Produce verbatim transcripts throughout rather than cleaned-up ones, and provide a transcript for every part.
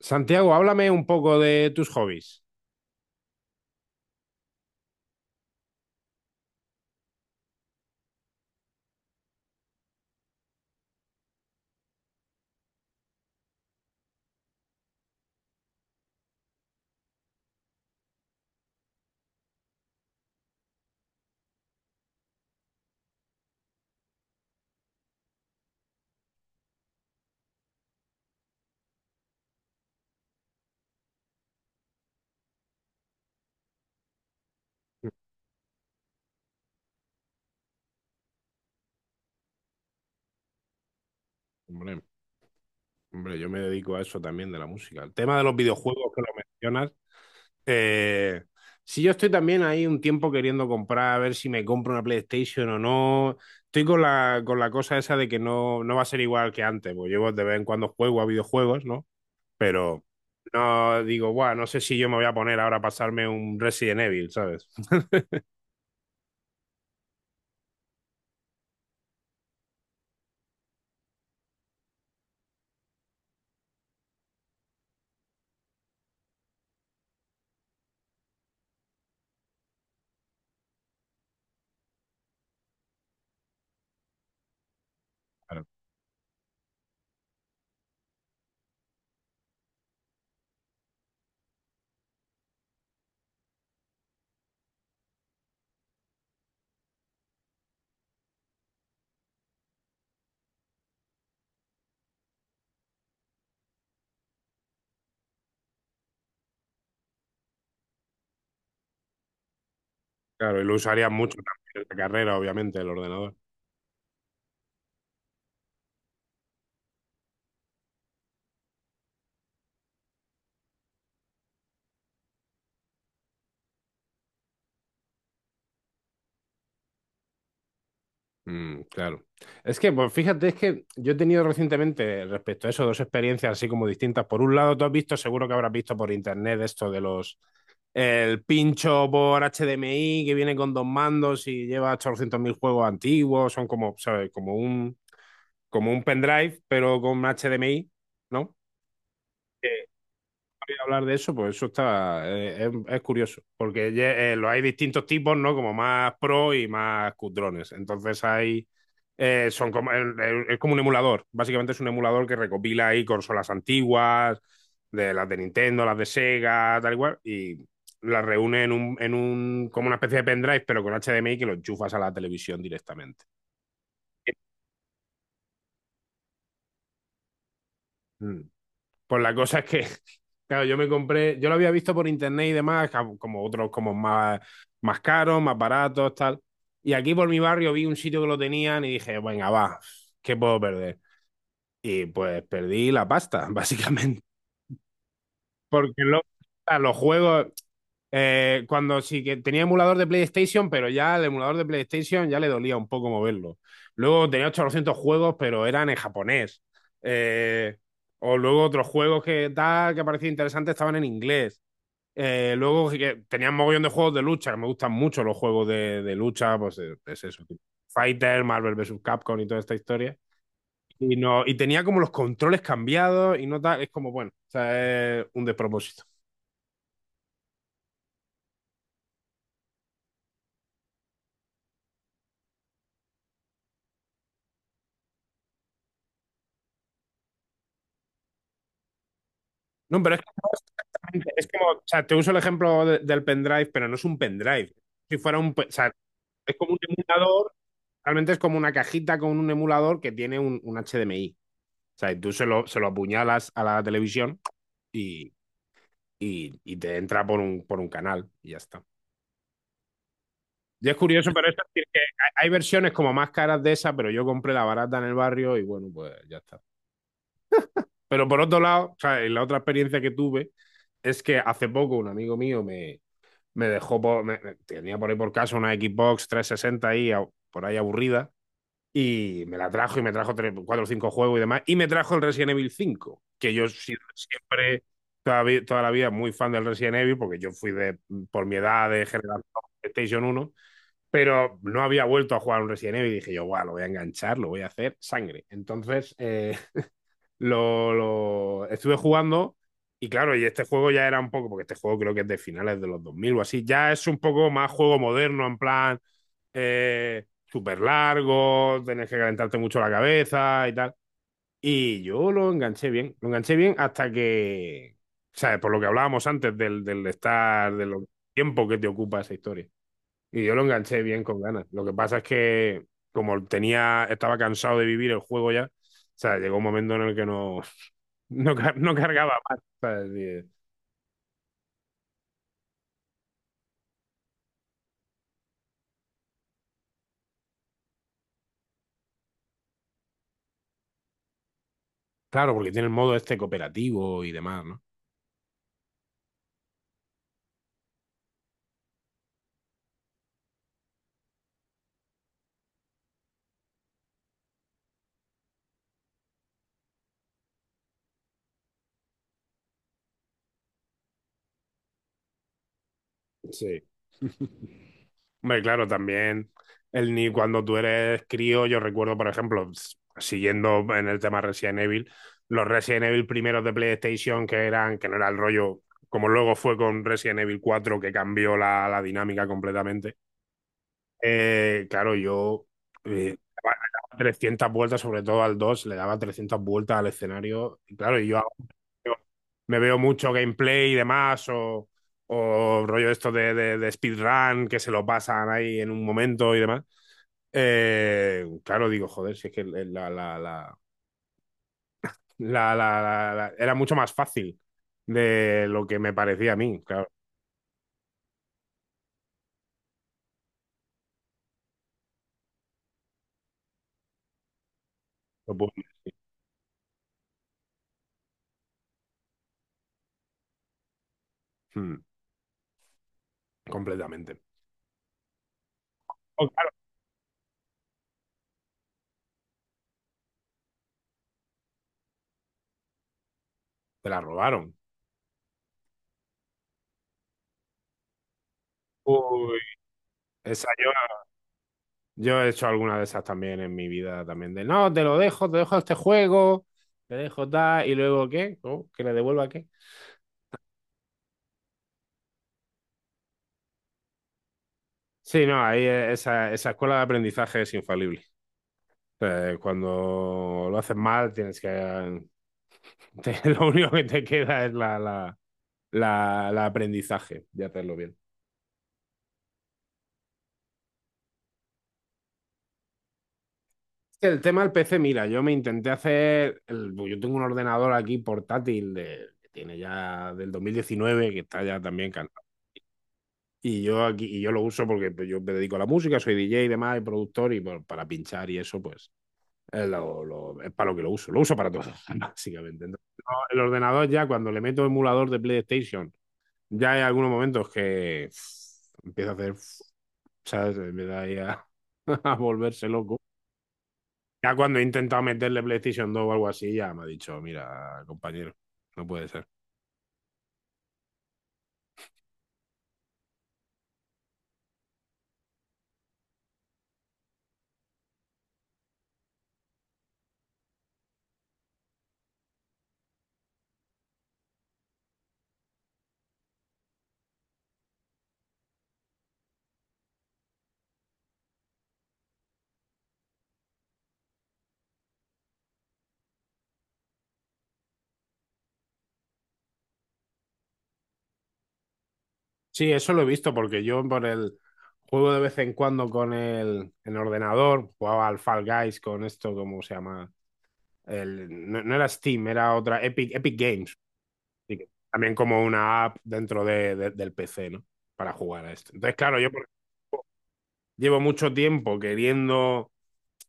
Santiago, háblame un poco de tus hobbies. Hombre, hombre, yo me dedico a eso también de la música. El tema de los videojuegos que lo mencionas. eh, sí, yo estoy también ahí un tiempo queriendo comprar, a ver si me compro una PlayStation o no. Estoy con la, con la cosa esa de que no, no va a ser igual que antes, porque yo de vez en cuando juego a videojuegos, ¿no? Pero no digo, guau, no sé si yo me voy a poner ahora a pasarme un Resident Evil, ¿sabes? Claro, claro, y lo usaría mucho también en la carrera, obviamente, el ordenador. Mm, claro. Es que, pues fíjate, es que yo he tenido recientemente respecto a eso dos experiencias así como distintas. Por un lado, tú has visto, seguro que habrás visto por internet esto de los, el pincho por H D M I que viene con dos mandos y lleva ochocientos mil juegos antiguos, son como, ¿sabes? Como un, como un pendrive, pero con H D M I, ¿no? Hablar de eso, pues eso está, eh, es, es curioso, porque ye- eh, los hay distintos tipos, ¿no? Como más pro y más cutrones. Entonces hay, eh, son como, el- el- es como un emulador, básicamente es un emulador que recopila ahí consolas antiguas, de las de Nintendo, las de Sega, tal y cual, y las reúne en un, en un, como una especie de pendrive, pero con H D M I que lo enchufas a la televisión directamente. Mm. Pues la cosa es que, claro, yo me compré, yo lo había visto por internet y demás, como otros como más, más caros, más baratos, tal. Y aquí por mi barrio vi un sitio que lo tenían y dije, venga, va, ¿qué puedo perder? Y pues perdí la pasta, básicamente. Porque luego, a los juegos, eh, cuando sí que tenía emulador de PlayStation, pero ya el emulador de PlayStation ya le dolía un poco moverlo. Luego tenía ochocientos juegos, pero eran en japonés. Eh, o luego otros juegos que tal, que parecía interesante estaban en inglés. Eh, luego sí que tenían mogollón de juegos de lucha, que me gustan mucho los juegos de, de lucha, pues eh, es eso. Tipo Fighter, Marvel versus. Capcom y toda esta historia. Y, no, Y tenía como los controles cambiados y no tal, es como, bueno, o sea, es un despropósito. No, pero es que no es como, o sea, te uso el ejemplo de- del pendrive, pero no es un pendrive. Si fuera un, pe- o sea, es como un emulador, realmente es como una cajita con un emulador que tiene un, un H D M I. O sea, y tú se lo, se lo apuñalas a la televisión y, y- y te entra por un, por un canal y ya está. Y es curioso, pero es decir que hay, hay versiones como más caras de esa, pero yo compré la barata en el barrio y bueno, pues ya está. Pero por otro lado, o sea, y la otra experiencia que tuve es que hace poco un amigo mío me, me dejó, por, me, tenía por ahí por casa una Xbox trescientos sesenta ahí, por ahí aburrida, y me la trajo y me trajo cuatro o cinco juegos y demás, y me trajo el Resident Evil cinco, que yo siempre, toda, toda la vida, muy fan del Resident Evil, porque yo fui de, por mi edad de generación PlayStation uno, pero no había vuelto a jugar un Resident Evil y dije yo, guau, lo voy a enganchar, lo voy a hacer sangre. Entonces, eh, lo, lo estuve jugando y claro, y este juego ya era un poco, porque este juego creo que es de finales de los dos mil o así, ya es un poco más juego moderno, en plan eh, súper largo, tenés que calentarte mucho la cabeza y tal. Y yo lo enganché bien, lo enganché bien hasta que, ¿sabes? Por lo que hablábamos antes del, del estar, del tiempo que te ocupa esa historia. Y yo lo enganché bien con ganas. Lo que pasa es que como tenía, estaba cansado de vivir el juego ya, o sea, llegó un momento en el que no, no, car- no cargaba más. ¿Sabes? Y, claro, porque tiene el modo este cooperativo y demás, ¿no? Sí. Hombre, claro, también el ni cuando tú eres crío, yo recuerdo, por ejemplo, s- siguiendo en el tema Resident Evil, los Resident Evil primeros de PlayStation que eran, que no era el rollo, como luego fue con Resident Evil cuatro que cambió la, la dinámica completamente. Eh, claro, yo eh, daba- daba trescientas vueltas, sobre todo al dos le daba trescientas vueltas al escenario. Y claro, yo ahora veo- me veo mucho gameplay y demás, o, o rollo esto de, de, de speedrun, que se lo pasan ahí en un momento y demás. Eh, claro, digo, joder, si es que la, la, la, la, la- la- la- era mucho más fácil de lo que me parecía a mí, claro. Lo puedo- mm, completamente. Oh, claro, te la robaron. Uy, esa yo. Yo he hecho alguna de esas también en mi vida también. De no, te lo dejo, te dejo este juego, te dejo tal, y luego ¿qué? ¿Cómo? ¿Que le devuelva qué? Sí, no, ahí eh, esa, esa escuela de aprendizaje es infalible. Eh, cuando lo haces mal, tienes que. Te- lo único que te queda es la, la, la, la aprendizaje de hacerlo bien. El tema del P C, mira, yo me intenté hacer. El- pues yo tengo un ordenador aquí portátil de, que tiene ya del dos mil diecinueve que está ya también. Y yo aquí, y yo lo uso porque pues, yo me dedico a la música, soy D J y demás, y productor, y bueno, para pinchar y eso, pues es, lo- lo- es para lo que lo uso. Lo uso para todo, básicamente. Entonces, no, el ordenador ya, cuando le meto emulador de PlayStation, ya hay algunos momentos que uff, empieza a hacer, uff, ¿sabes? Me da ahí a, a volverse loco. Ya cuando he intentado meterle PlayStation dos o algo así, ya me ha dicho, mira, compañero, no puede ser. Sí, eso lo he visto porque yo por el juego de vez en cuando con el, en ordenador, jugaba al Fall Guys con esto, ¿cómo se llama? El, no, no era Steam, era otra Epic, Epic Games. Así que también como una app dentro de, de- del P C, ¿no? Para jugar a esto. Entonces, claro, yo por, llevo mucho tiempo queriendo.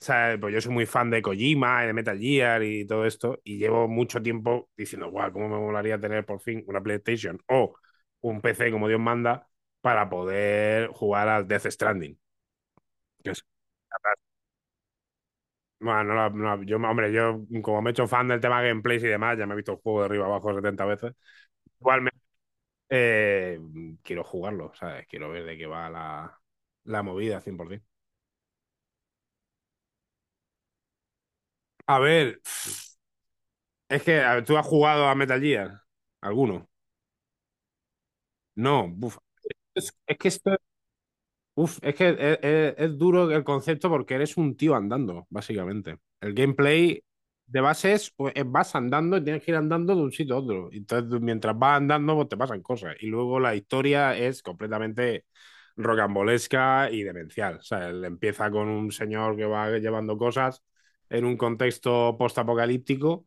O sea, pues yo soy muy fan de Kojima, y de Metal Gear y todo esto, y llevo mucho tiempo diciendo, guau, cómo me molaría tener por fin una PlayStation o un P C como Dios manda para poder jugar al Death Stranding. Que es- bueno, no la- no la- yo, hombre, yo como me he hecho fan del tema gameplays y demás, ya me he visto el juego de arriba abajo setenta veces. Igualmente, eh, quiero jugarlo, ¿sabes? Quiero ver de qué va la, la movida cien por ciento. A ver. Es que a ver, tú has jugado a Metal Gear, alguno. No, buf. Es, es que esto Uf, es que es, es- es duro el concepto porque eres un tío andando, básicamente. El gameplay de base es, pues, es vas andando y tienes que ir andando de un sitio a otro. Entonces, mientras vas andando, pues te pasan cosas. Y luego la historia es completamente rocambolesca y demencial. O sea, él empieza con un señor que va llevando cosas en un contexto postapocalíptico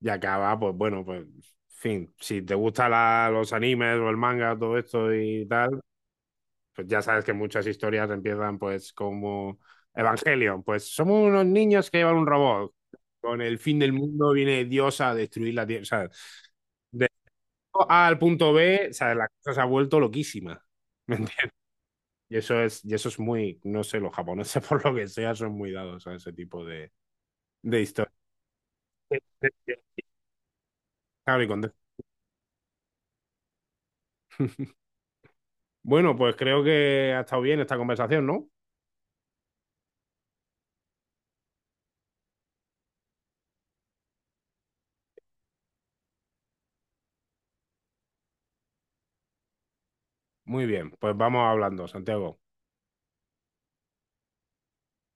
y acaba, pues bueno, pues, en fin, si te gustan la- los animes o el manga, todo esto y tal, pues ya sabes que muchas historias empiezan pues como Evangelion, pues somos unos niños que llevan un robot. Con el fin del mundo viene Dios a destruir la tierra. O sea, de A al punto B, o sea, la cosa se ha vuelto loquísima. ¿Me entiendes? Y eso es, y eso es muy, no sé, los japoneses por lo que sea son muy dados a ese tipo de, de historias. Claro, y con- Bueno, pues creo que ha estado bien esta conversación, ¿no? Muy bien, pues vamos hablando, Santiago.